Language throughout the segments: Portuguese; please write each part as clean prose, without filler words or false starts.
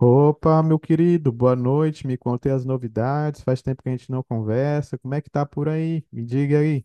Opa, meu querido, boa noite. Me contei as novidades. Faz tempo que a gente não conversa. Como é que tá por aí? Me diga aí.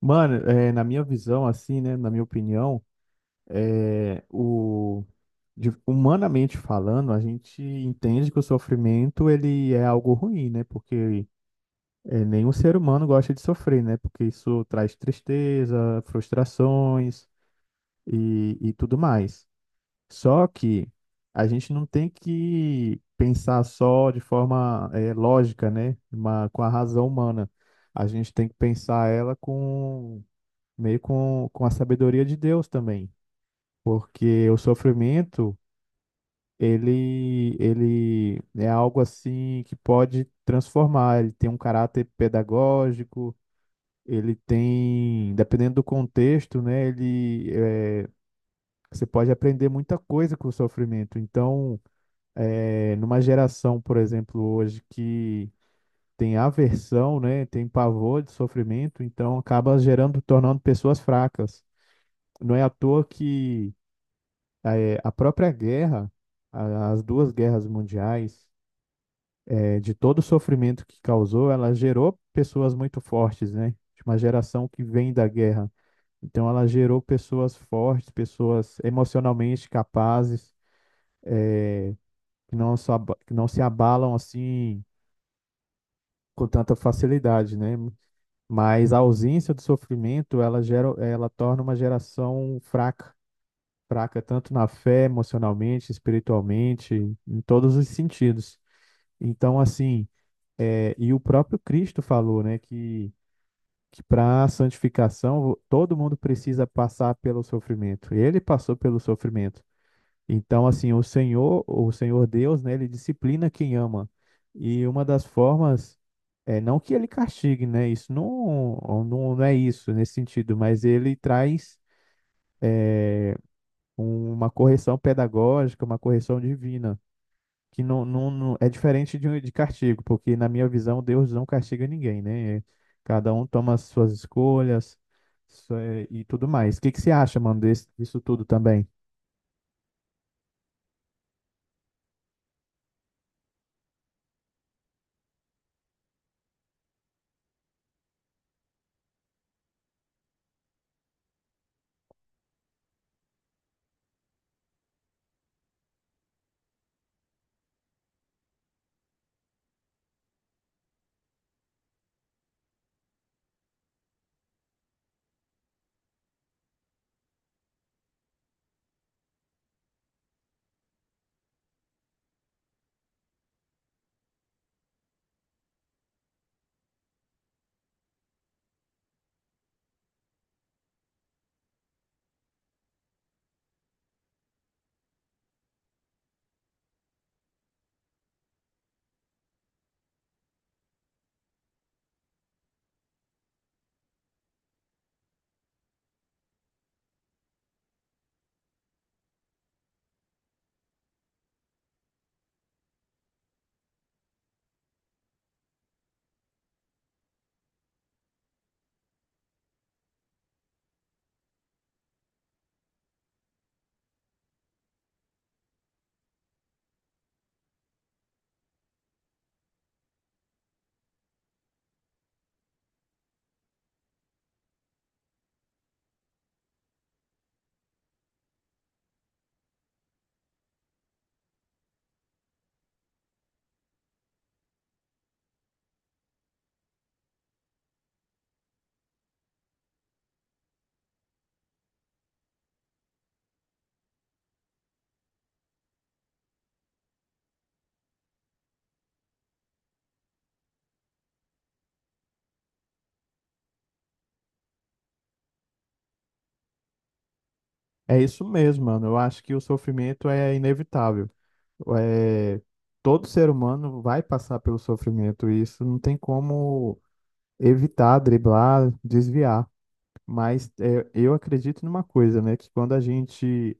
Mano, na minha visão, assim, né? Na minha opinião, é, o, humanamente falando, a gente entende que o sofrimento ele é algo ruim, né? Porque nenhum ser humano gosta de sofrer, né? Porque isso traz tristeza, frustrações e tudo mais. Só que a gente não tem que pensar só de forma lógica, né? Uma, com a razão humana. A gente tem que pensar ela com com a sabedoria de Deus também. Porque o sofrimento, ele é algo assim que pode transformar. Ele tem um caráter pedagógico, ele tem, dependendo do contexto, né? Você pode aprender muita coisa com o sofrimento. Então, numa geração, por exemplo, hoje que tem aversão, né, tem pavor de sofrimento, então acaba gerando, tornando pessoas fracas. Não é à toa que a própria guerra, as duas guerras mundiais, de todo o sofrimento que causou, ela gerou pessoas muito fortes, né? De uma geração que vem da guerra. Então ela gerou pessoas fortes, pessoas emocionalmente capazes, eh, que não, se aba- que não se abalam assim com tanta facilidade, né? Mas a ausência do sofrimento, ela gera, ela torna uma geração fraca, fraca tanto na fé, emocionalmente, espiritualmente, em todos os sentidos. Então, assim, e o próprio Cristo falou, né, que para a santificação todo mundo precisa passar pelo sofrimento. Ele passou pelo sofrimento. Então, assim, o Senhor Deus, né, ele disciplina quem ama. E uma das formas é não que ele castigue, né? Isso não, não, não é isso nesse sentido, mas ele traz uma correção pedagógica, uma correção divina, que é diferente de, um de castigo, porque na minha visão Deus não castiga ninguém, né? Cada um toma as suas escolhas, isso é e tudo mais. O que que você acha, mano, desse, disso tudo também? É isso mesmo, mano. Eu acho que o sofrimento é inevitável. É, todo ser humano vai passar pelo sofrimento, e isso não tem como evitar, driblar, desviar. Mas é, eu acredito numa coisa, né? Que quando a gente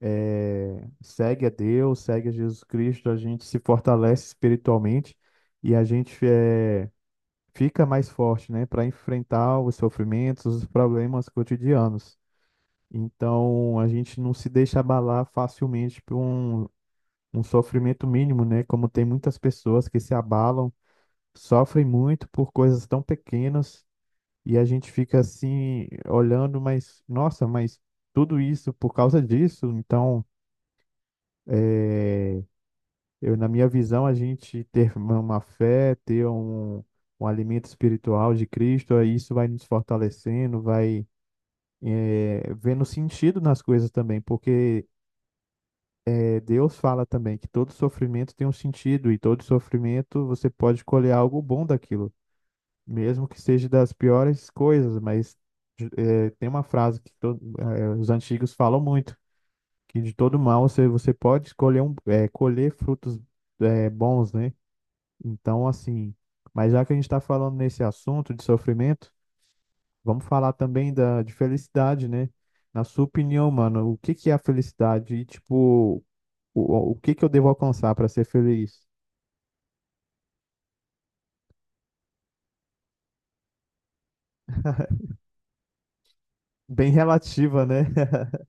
segue a Deus, segue a Jesus Cristo, a gente se fortalece espiritualmente e a gente fica mais forte, né? Para enfrentar os sofrimentos, os problemas cotidianos. Então a gente não se deixa abalar facilmente por um sofrimento mínimo, né? Como tem muitas pessoas que se abalam, sofrem muito por coisas tão pequenas e a gente fica assim olhando, mas nossa, mas tudo isso por causa disso. Então, é, eu, na minha visão, a gente ter uma fé, ter um alimento espiritual de Cristo, aí isso vai nos fortalecendo, vai. Vendo sentido nas coisas também, porque Deus fala também que todo sofrimento tem um sentido e todo sofrimento você pode colher algo bom daquilo, mesmo que seja das piores coisas. Mas tem uma frase que os antigos falam muito, que de todo mal você pode escolher um, colher frutos bons, né? Então, assim, mas já que a gente está falando nesse assunto de sofrimento, vamos falar também de felicidade, né? Na sua opinião, mano, o que que é a felicidade? E, tipo, o que que eu devo alcançar para ser feliz? Bem relativa, né?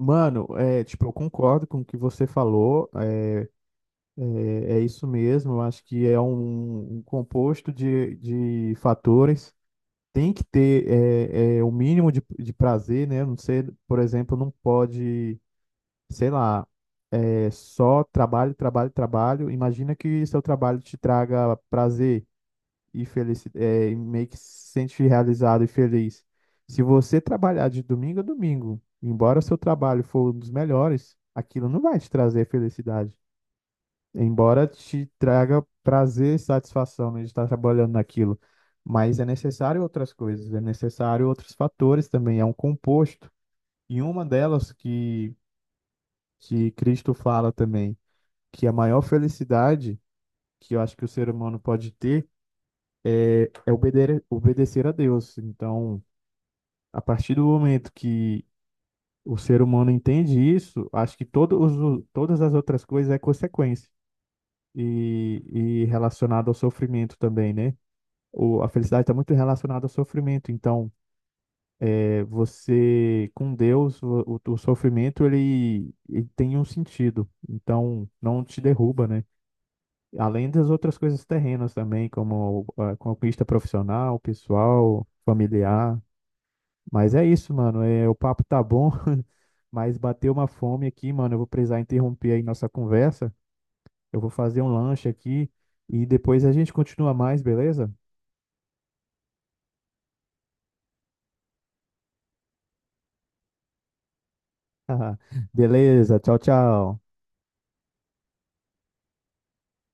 Mano, é, tipo, eu concordo com o que você falou, é é isso mesmo, eu acho que é um composto de fatores, tem que ter o mínimo de prazer, né? Não sei, por exemplo, não pode, sei lá, só trabalho, trabalho, trabalho, imagina que seu trabalho te traga prazer, e feliz, e meio que se sente realizado e feliz. Se você trabalhar de domingo a domingo, embora seu trabalho for um dos melhores, aquilo não vai te trazer felicidade. Embora te traga prazer e satisfação, né, de estar trabalhando naquilo. Mas é necessário outras coisas, é necessário outros fatores também, é um composto. E uma delas que Cristo fala também, que a maior felicidade que eu acho que o ser humano pode ter é obedecer a Deus. Então, a partir do momento que o ser humano entende isso, acho que todas as outras coisas é consequência e, e relacionado ao sofrimento também, né? O, a felicidade está muito relacionada ao sofrimento. Então, você com Deus, o sofrimento ele tem um sentido. Então, não te derruba, né? Além das outras coisas terrenas também, como a conquista profissional, pessoal, familiar. Mas é isso, mano. É, o papo tá bom. Mas bateu uma fome aqui, mano. Eu vou precisar interromper aí nossa conversa. Eu vou fazer um lanche aqui e depois a gente continua mais, beleza? Beleza, tchau, tchau.